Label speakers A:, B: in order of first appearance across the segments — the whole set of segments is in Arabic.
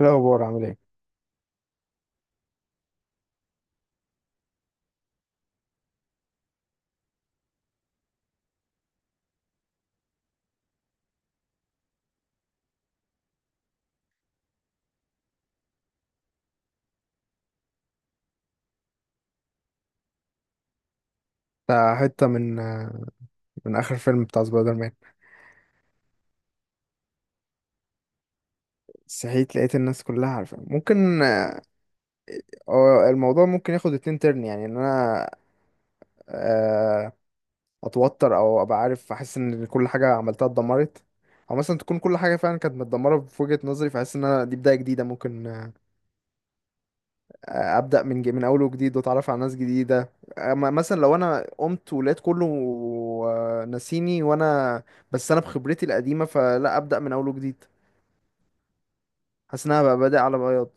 A: إيه الأخبار، عامل ايه؟ ده حتة من آخر فيلم بتاع سبايدر مان. صحيت لقيت الناس كلها عارفة، ممكن الموضوع ممكن ياخد اتنين ترن، يعني إن أنا آه، أتوتر أو أبقى عارف، أحس إن كل حاجة عملتها اتدمرت، أو مثلا تكون كل حاجة فعلا كانت متدمرة في وجهة نظري، فأحس إن أنا دي بداية جديدة، ممكن أبدأ من أول وجديد، وأتعرف على ناس جديدة. مثلا لو أنا قمت ولقيت كله ناسيني، وأنا بس أنا بخبرتي القديمة، فلا أبدأ من أول وجديد. حاسس ان انا بقى بادئ على بياض.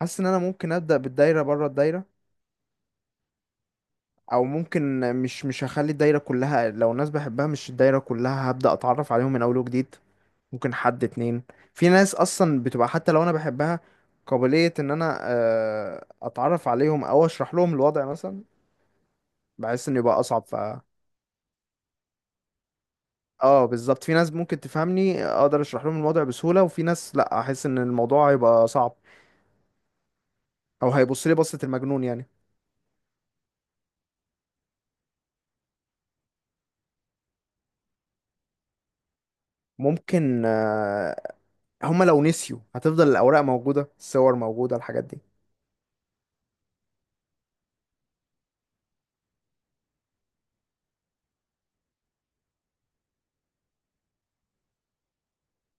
A: حاسس ان انا ممكن ابدا بالدايره بره الدايره، او ممكن مش هخلي الدايره كلها، لو الناس بحبها مش الدايره كلها، هبدا اتعرف عليهم من اول وجديد. ممكن حد اتنين، في ناس اصلا بتبقى حتى لو انا بحبها قابليه ان انا اتعرف عليهم او اشرح لهم الوضع مثلا، بحس ان يبقى اصعب، ف اه بالظبط. في ناس ممكن تفهمني، اقدر اشرح لهم الوضع بسهوله، وفي ناس لا، احس ان الموضوع هيبقى صعب، او هيبص لي بصه المجنون يعني. ممكن هما لو نسيوا هتفضل الأوراق موجودة، الصور موجودة، الحاجات دي.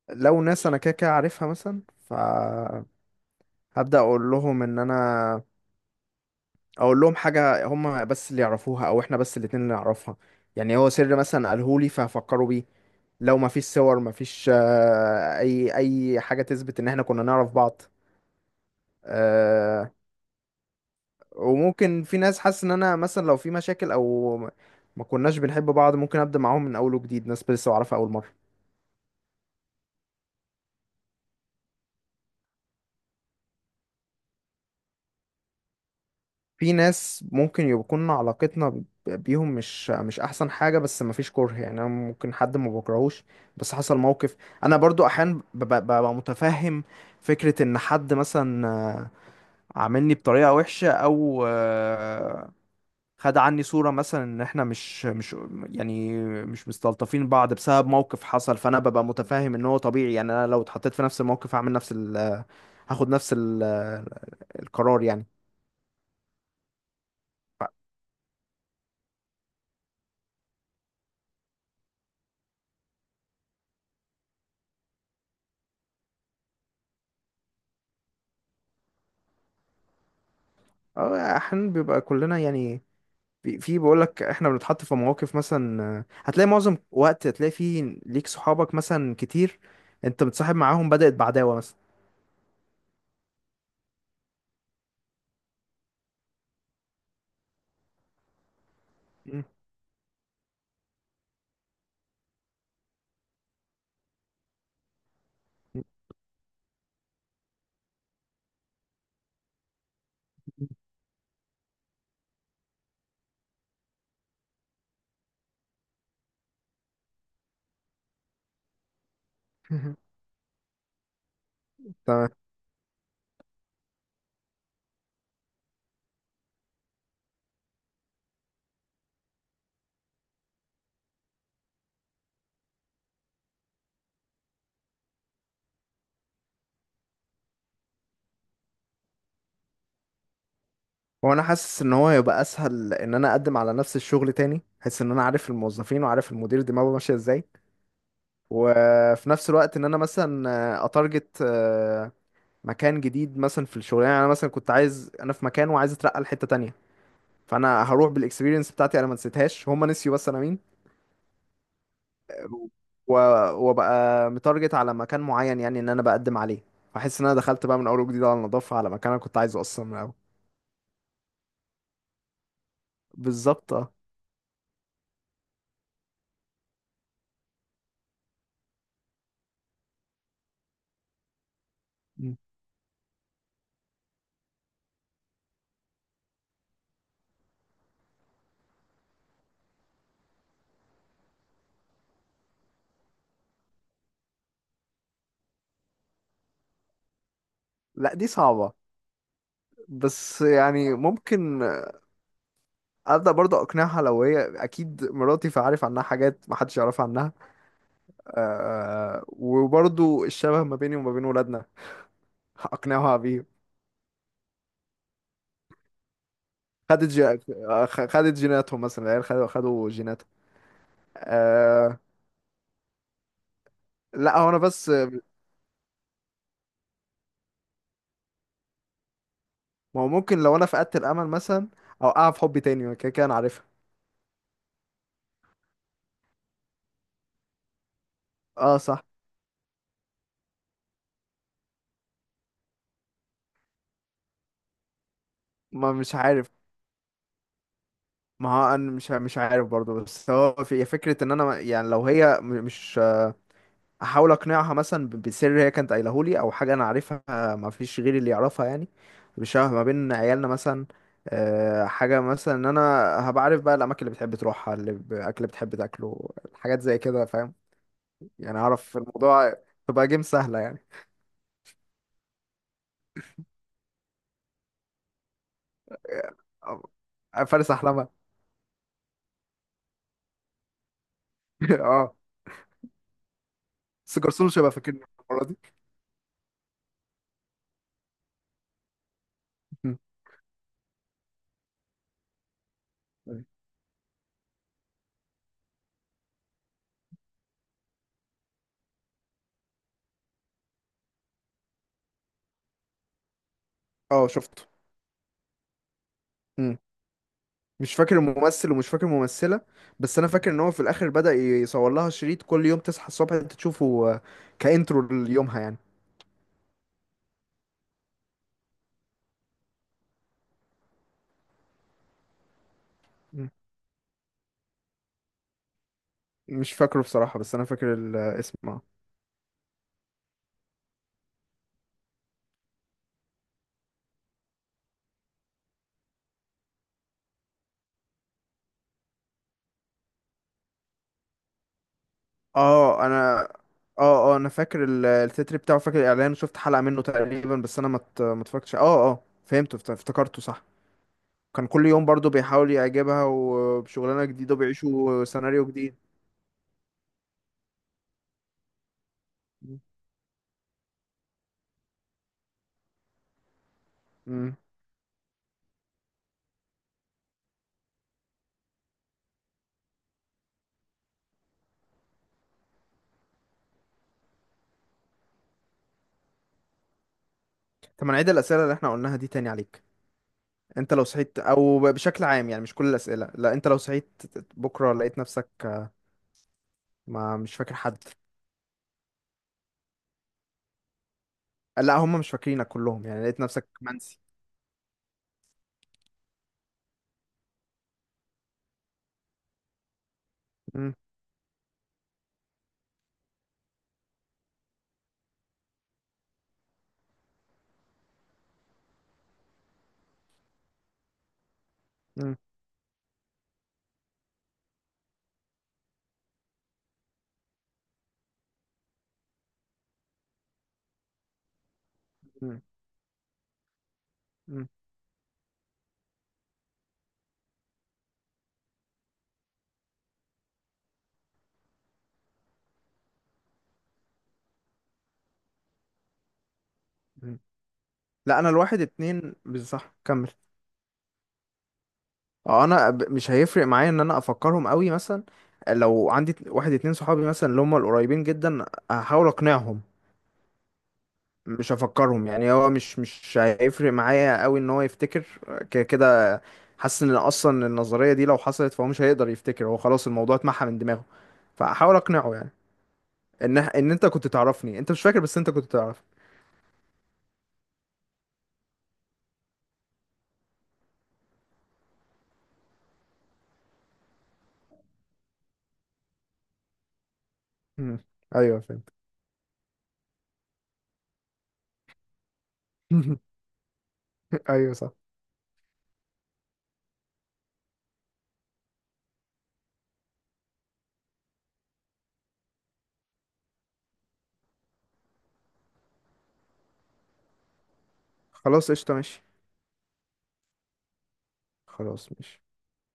A: لو ناس أنا كده كده عارفها مثلا، فهبدأ أقول لهم إن أنا أقول لهم حاجة هما بس اللي يعرفوها، أو إحنا بس الاتنين اللي نعرفها، يعني هو سر مثلا قالهولي فهفكروا بيه. لو مفيش صور، مفيش أي حاجة تثبت إن إحنا كنا نعرف بعض. آه، وممكن في ناس حاسس إن أنا مثلا لو في مشاكل أو ما كناش بنحب بعض، ممكن أبدأ معاهم من أول وجديد، ناس لسه أعرفها أول مرة. في ناس ممكن يكون علاقتنا بيهم مش احسن حاجه، بس مفيش كره، يعني انا ممكن حد ما بكرهوش، بس حصل موقف. انا برضو احيانا ببقى متفهم فكره ان حد مثلا عاملني بطريقه وحشه، او خد عني صوره مثلا، ان احنا مش مستلطفين بعض بسبب موقف حصل، فانا ببقى متفهم ان هو طبيعي، يعني انا لو اتحطيت في نفس الموقف هعمل نفس ال هاخد نفس ال القرار يعني. احيانا بيبقى كلنا يعني في بقول لك احنا بنتحط في مواقف مثلا، هتلاقي معظم وقت هتلاقي فيه ليك صحابك مثلا كتير، انت متصاحب معاهم بدأت بعداوة مثلا. مم. تمام. وانا حاسس ان هو هيبقى اسهل ان انا اقدم على نفس الشغل تاني، حاسس ان انا عارف الموظفين وعارف المدير دماغه ماشيه ازاي، وفي نفس الوقت ان انا مثلا اتارجت مكان جديد مثلا في الشغلانه، يعني انا مثلا كنت عايز انا في مكان وعايز اترقى لحته تانية، فانا هروح بالاكسبيرينس بتاعتي انا ما نسيتهاش، هم نسيوا بس انا مين. و... وبقى متارجت على مكان معين، يعني ان انا بقدم عليه، فاحس ان انا دخلت بقى من اول وجديد على النظافه، على مكان انا كنت عايزه اصلا من الاول. بالظبط اه. مم. لا دي صعبه، بس يعني ممكن ابدا برضه اقنعها، لو هي اكيد مراتي فعارف عنها حاجات محدش يعرف عنها. أه، وبرضه الشبه ما بيني وما بين ولادنا اقنعها بيه. خدت جي... آه، خ- خدت جيناتهم مثلا، العيال خدوا جيناتهم. أه. لا هو انا بس ما هو ممكن لو انا فقدت الامل مثلا اوقعها في حب تاني، ما كده كده انا عارفها. اه صح. ما مش عارف، ما هو انا مش عارف برضه، بس هو في فكره ان انا يعني لو هي مش احاول اقنعها مثلا بسر هي كانت قايله لي، او حاجه انا عارفها ما فيش غيري اللي يعرفها يعني، بشبه ما بين عيالنا مثلا. حاجه مثلا ان انا هبقى عارف بقى الاماكن اللي بتحب تروحها، اللي اكل اللي بتحب تاكله، حاجات زي كده فاهم، يعني اعرف الموضوع تبقى جيم سهله يعني. فارس احلامها. اه، بس جرسون مش هيبقى فاكرني المرة دي. مم. اه شفته. مم. مش فاكر الممثل ومش فاكر الممثلة، بس انا فاكر ان هو في الاخر بدأ يصور لها شريط كل يوم تصحى الصبح انت تشوفه كإنترو ليومها يعني. مم. مش فاكره بصراحة، بس انا فاكر الاسم اه. اه انا اه اه انا فاكر التتر بتاعه، فاكر الاعلان، شفت حلقة منه تقريبا، بس انا ما اتفرجتش، اه اه، فهمته، افتكرته صح. كان كل يوم برضو بيحاول يعجبها وبشغلانة جديدة وبيعيشوا سيناريو جديد. مم. طب ما نعيد الأسئلة اللي احنا قلناها دي تاني عليك. انت لو صحيت، او بشكل عام، يعني مش كل الأسئلة، لا انت لو صحيت بكرة لقيت نفسك، ما مش فاكر حد. لا هم مش فاكرينك كلهم، يعني لقيت نفسك منسي. مم، مم، مم، مم، مم. لا انا الواحد اتنين صح، كمل. اه انا مش هيفرق معايا ان انا افكرهم قوي مثلا، لو عندي واحد اتنين صحابي مثلا اللي هم القريبين جدا، هحاول اقنعهم، مش هفكرهم يعني، هو مش هيفرق معايا قوي ان هو يفتكر، كده كده حاسس ان اصلا النظريه دي لو حصلت فهو مش هيقدر يفتكر، هو خلاص الموضوع اتمحى من دماغه، فاحاول اقنعه يعني، ان انت كنت تعرفني، انت مش فاكر بس انت كنت تعرفني. مم. ايوه فهمت. ايوه صح. خلاص قشطه ماشي. خلاص ماشي.